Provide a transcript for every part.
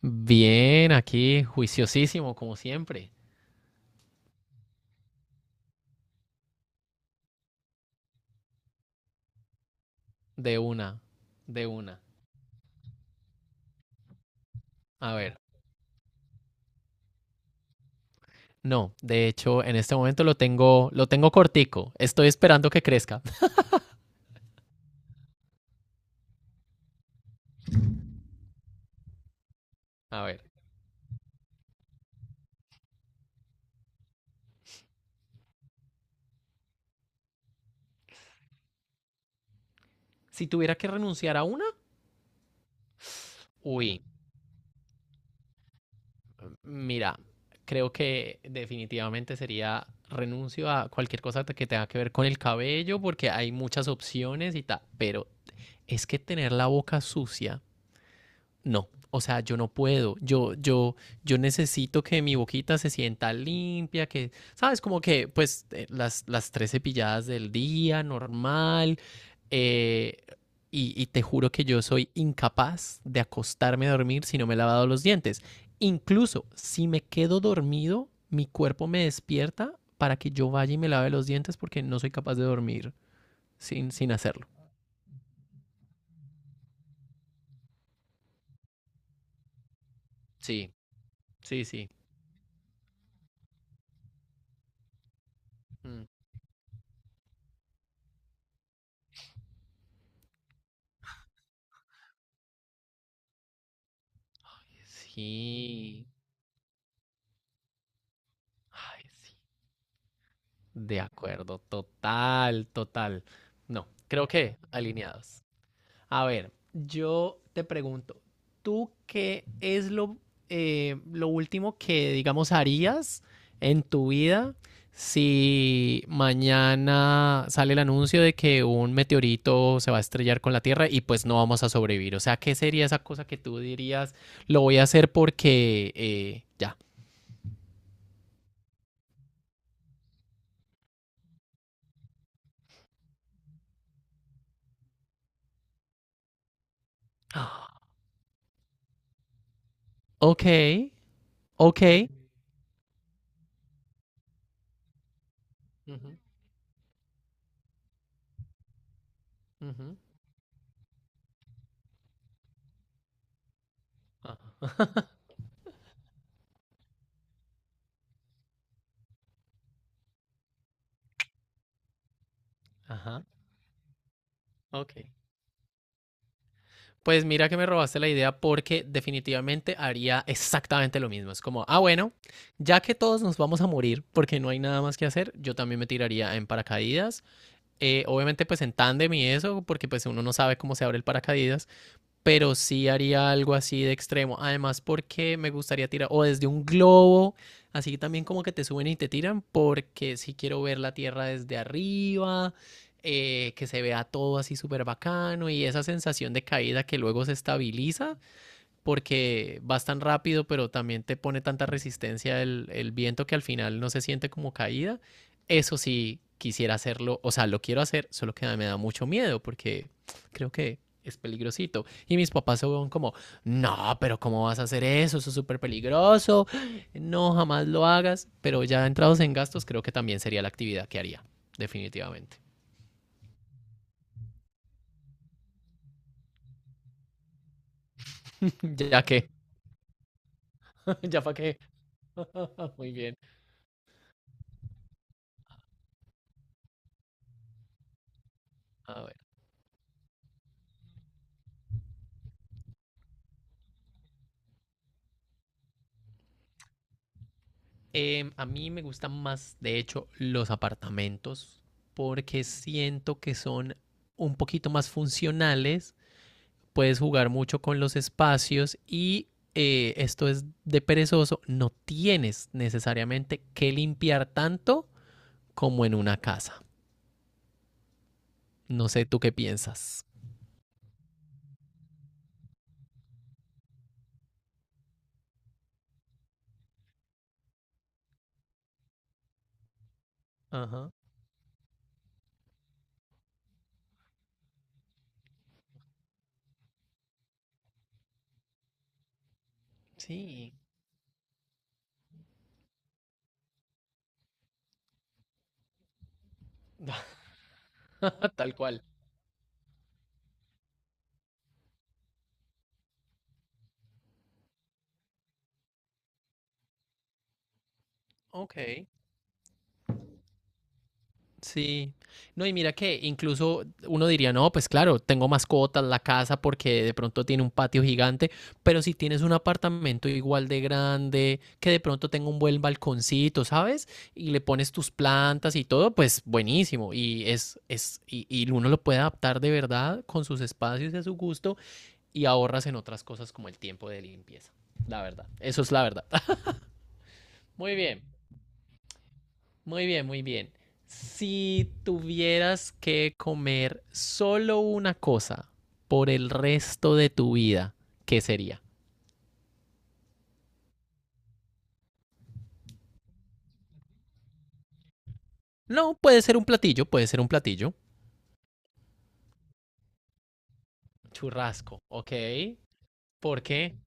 Bien, aquí juiciosísimo, como siempre. De una, de una. A ver, no, de hecho, en este momento lo tengo cortico. Estoy esperando que crezca. A ver, si tuviera que renunciar a una, uy, mira, creo que definitivamente sería renuncio a cualquier cosa que tenga que ver con el cabello, porque hay muchas opciones y tal. Pero es que tener la boca sucia no, o sea, yo no puedo, yo necesito que mi boquita se sienta limpia, que, sabes, como que, pues, las tres cepilladas del día, normal, eh, y te juro que yo soy incapaz de acostarme a dormir si no me he lavado los dientes. Incluso si me quedo dormido, mi cuerpo me despierta para que yo vaya y me lave los dientes porque no soy capaz de dormir sin hacerlo. Sí, sí, sí. Mm. Sí. Ay, sí. De acuerdo, total, total. No, creo que alineados. A ver, yo te pregunto, ¿tú qué es lo último que, digamos, harías en tu vida si mañana sale el anuncio de que un meteorito se va a estrellar con la Tierra y pues no vamos a sobrevivir? O sea, ¿qué sería esa cosa que tú dirías, lo voy a hacer porque ya? Ah, ok, ok. Ujú, ujú, ajá. Ajá, ok. Pues mira que me robaste la idea porque definitivamente haría exactamente lo mismo. Es como, ah, bueno, ya que todos nos vamos a morir porque no hay nada más que hacer, yo también me tiraría en paracaídas. Obviamente pues en tándem y eso, porque pues uno no sabe cómo se abre el paracaídas. Pero sí haría algo así de extremo. Además, porque me gustaría tirar, o desde un globo, así también como que te suben y te tiran, porque sí quiero ver la Tierra desde arriba, que se vea todo así súper bacano y esa sensación de caída que luego se estabiliza, porque vas tan rápido, pero también te pone tanta resistencia el viento que al final no se siente como caída. Eso sí, quisiera hacerlo, o sea, lo quiero hacer, solo que me da mucho miedo porque creo que es peligrosito. Y mis papás se van como, no, pero ¿cómo vas a hacer eso? Eso es súper peligroso. No, jamás lo hagas. Pero ya entrados en gastos, creo que también sería la actividad que haría, definitivamente. Ya que, ya para qué. Muy bien. A ver. A mí me gustan más, de hecho, los apartamentos porque siento que son un poquito más funcionales, puedes jugar mucho con los espacios y esto es de perezoso, no tienes necesariamente que limpiar tanto como en una casa. No sé tú qué piensas. Ajá. Sí, tal cual. Ok. Sí, no, y mira que incluso uno diría, no, pues claro, tengo mascotas, la casa, porque de pronto tiene un patio gigante, pero si tienes un apartamento igual de grande, que de pronto tenga un buen balconcito, ¿sabes? Y le pones tus plantas y todo, pues buenísimo. Y y uno lo puede adaptar de verdad con sus espacios y a su gusto y ahorras en otras cosas como el tiempo de limpieza. La verdad, eso es la verdad. Muy bien. Muy bien, muy bien. Si tuvieras que comer solo una cosa por el resto de tu vida, ¿qué sería? No, puede ser un platillo, puede ser un platillo. Churrasco, ok. ¿Por qué?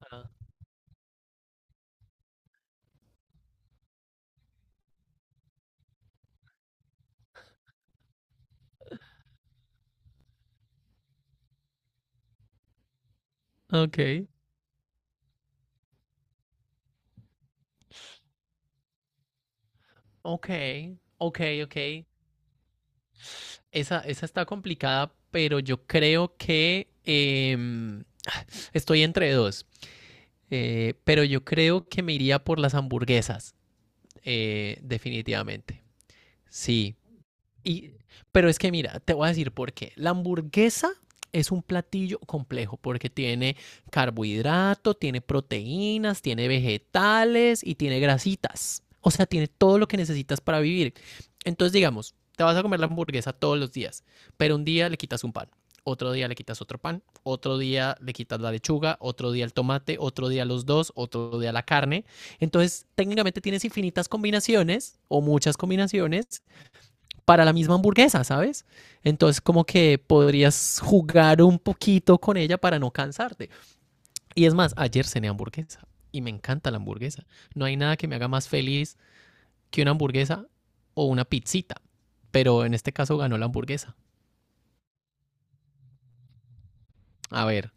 Ah, ok, ok, ok, ok. Esa está complicada, pero yo creo que estoy entre dos. Pero yo creo que me iría por las hamburguesas, definitivamente. Sí, y, pero es que mira, te voy a decir por qué. La hamburguesa es un platillo complejo porque tiene carbohidrato, tiene proteínas, tiene vegetales y tiene grasitas. O sea, tiene todo lo que necesitas para vivir. Entonces, digamos, te vas a comer la hamburguesa todos los días, pero un día le quitas un pan, otro día le quitas otro pan, otro día le quitas la lechuga, otro día el tomate, otro día los dos, otro día la carne. Entonces, técnicamente tienes infinitas combinaciones o muchas combinaciones para la misma hamburguesa, ¿sabes? Entonces como que podrías jugar un poquito con ella para no cansarte. Y es más, ayer cené hamburguesa y me encanta la hamburguesa. No hay nada que me haga más feliz que una hamburguesa o una pizzita, pero en este caso ganó la hamburguesa. A ver,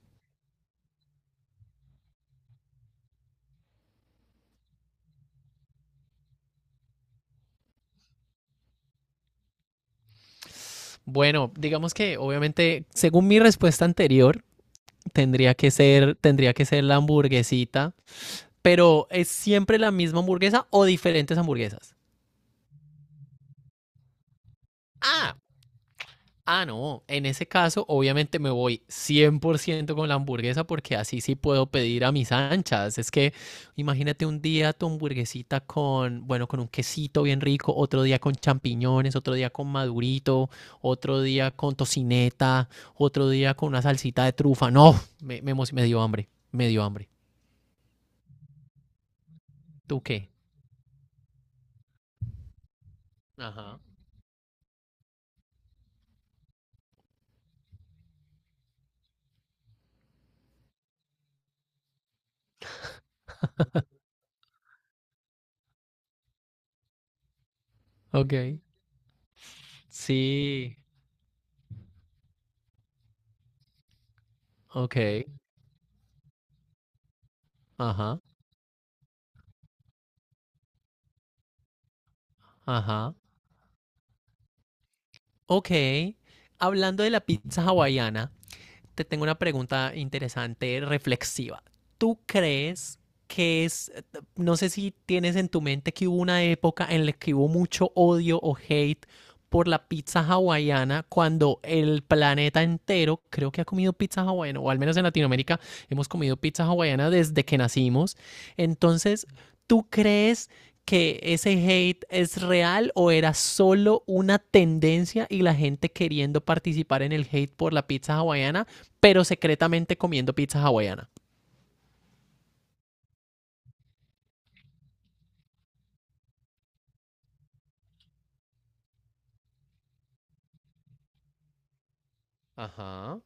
bueno, digamos que obviamente según mi respuesta anterior tendría que ser la hamburguesita, pero es siempre la misma hamburguesa o diferentes hamburguesas. Ah, ah, no, en ese caso obviamente me voy 100% con la hamburguesa porque así sí puedo pedir a mis anchas. Es que imagínate un día tu hamburguesita con, bueno, con un quesito bien rico, otro día con champiñones, otro día con madurito, otro día con tocineta, otro día con una salsita de trufa. No, me dio hambre, me dio hambre. ¿Tú qué? Ajá. Ok. Sí, ok. Ajá, ajá. Ok. Hablando de la pizza hawaiana. Te tengo una pregunta interesante, reflexiva. ¿Tú crees que es, no sé si tienes en tu mente que hubo una época en la que hubo mucho odio o hate por la pizza hawaiana cuando el planeta entero creo que ha comido pizza hawaiana, o al menos en Latinoamérica hemos comido pizza hawaiana desde que nacimos. Entonces, ¿tú crees que ese hate es real o era solo una tendencia y la gente queriendo participar en el hate por la pizza hawaiana? Pero secretamente comiendo pizza hawaiana. Ajá,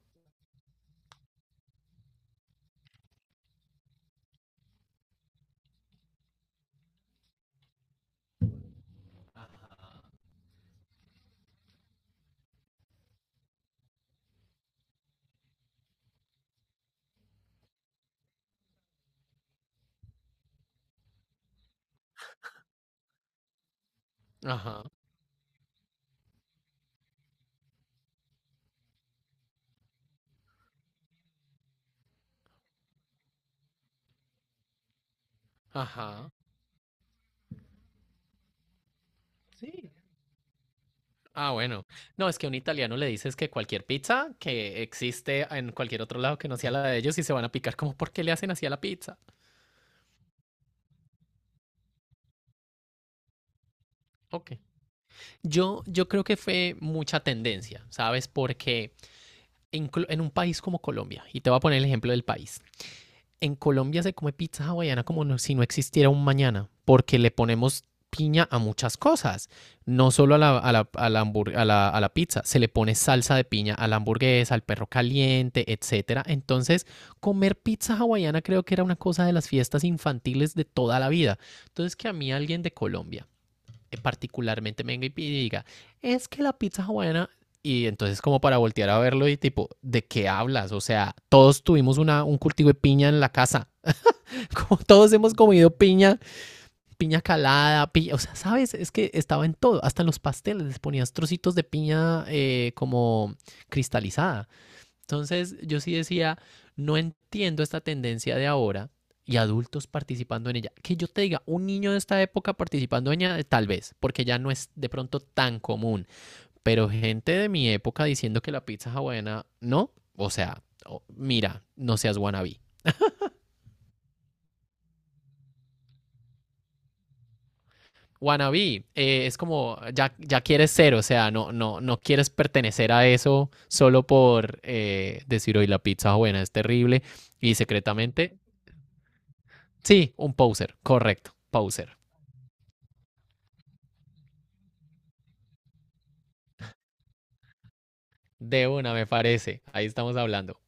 ajá, ajá. Sí. Ah, bueno. No, es que a un italiano le dices que cualquier pizza que existe en cualquier otro lado que no sea la de ellos y se van a picar como, ¿por qué le hacen así a la pizza? Ok. Yo creo que fue mucha tendencia, ¿sabes? Porque inclu- en un país como Colombia, y te voy a poner el ejemplo del país, en Colombia se come pizza hawaiana como no- si no existiera un mañana, porque le ponemos piña a muchas cosas, no solo a la, a la- a la hambur- a la pizza, se le pone salsa de piña a la hamburguesa, al perro caliente, etcétera. Entonces, comer pizza hawaiana creo que era una cosa de las fiestas infantiles de toda la vida. Entonces, que a mí alguien de Colombia particularmente venga y diga, es que la pizza hawaiana y entonces como para voltear a verlo y tipo, ¿de qué hablas? O sea, todos tuvimos un cultivo de piña en la casa. Como todos hemos comido piña, piña calada, piña, o sea, ¿sabes? Es que estaba en todo, hasta en los pasteles les ponías trocitos de piña como cristalizada. Entonces yo sí decía, no entiendo esta tendencia de ahora y adultos participando en ella. Que yo te diga, un niño de esta época participando en ella, tal vez, porque ya no es de pronto tan común, pero gente de mi época diciendo que la pizza hawaiana, no, o sea, oh, mira, no seas wannabe. Wannabe es como ya quieres ser, o sea, no quieres pertenecer a eso solo por decir hoy la pizza buena es terrible y secretamente sí, un poser, correcto, poser. De una, me parece. Ahí estamos hablando.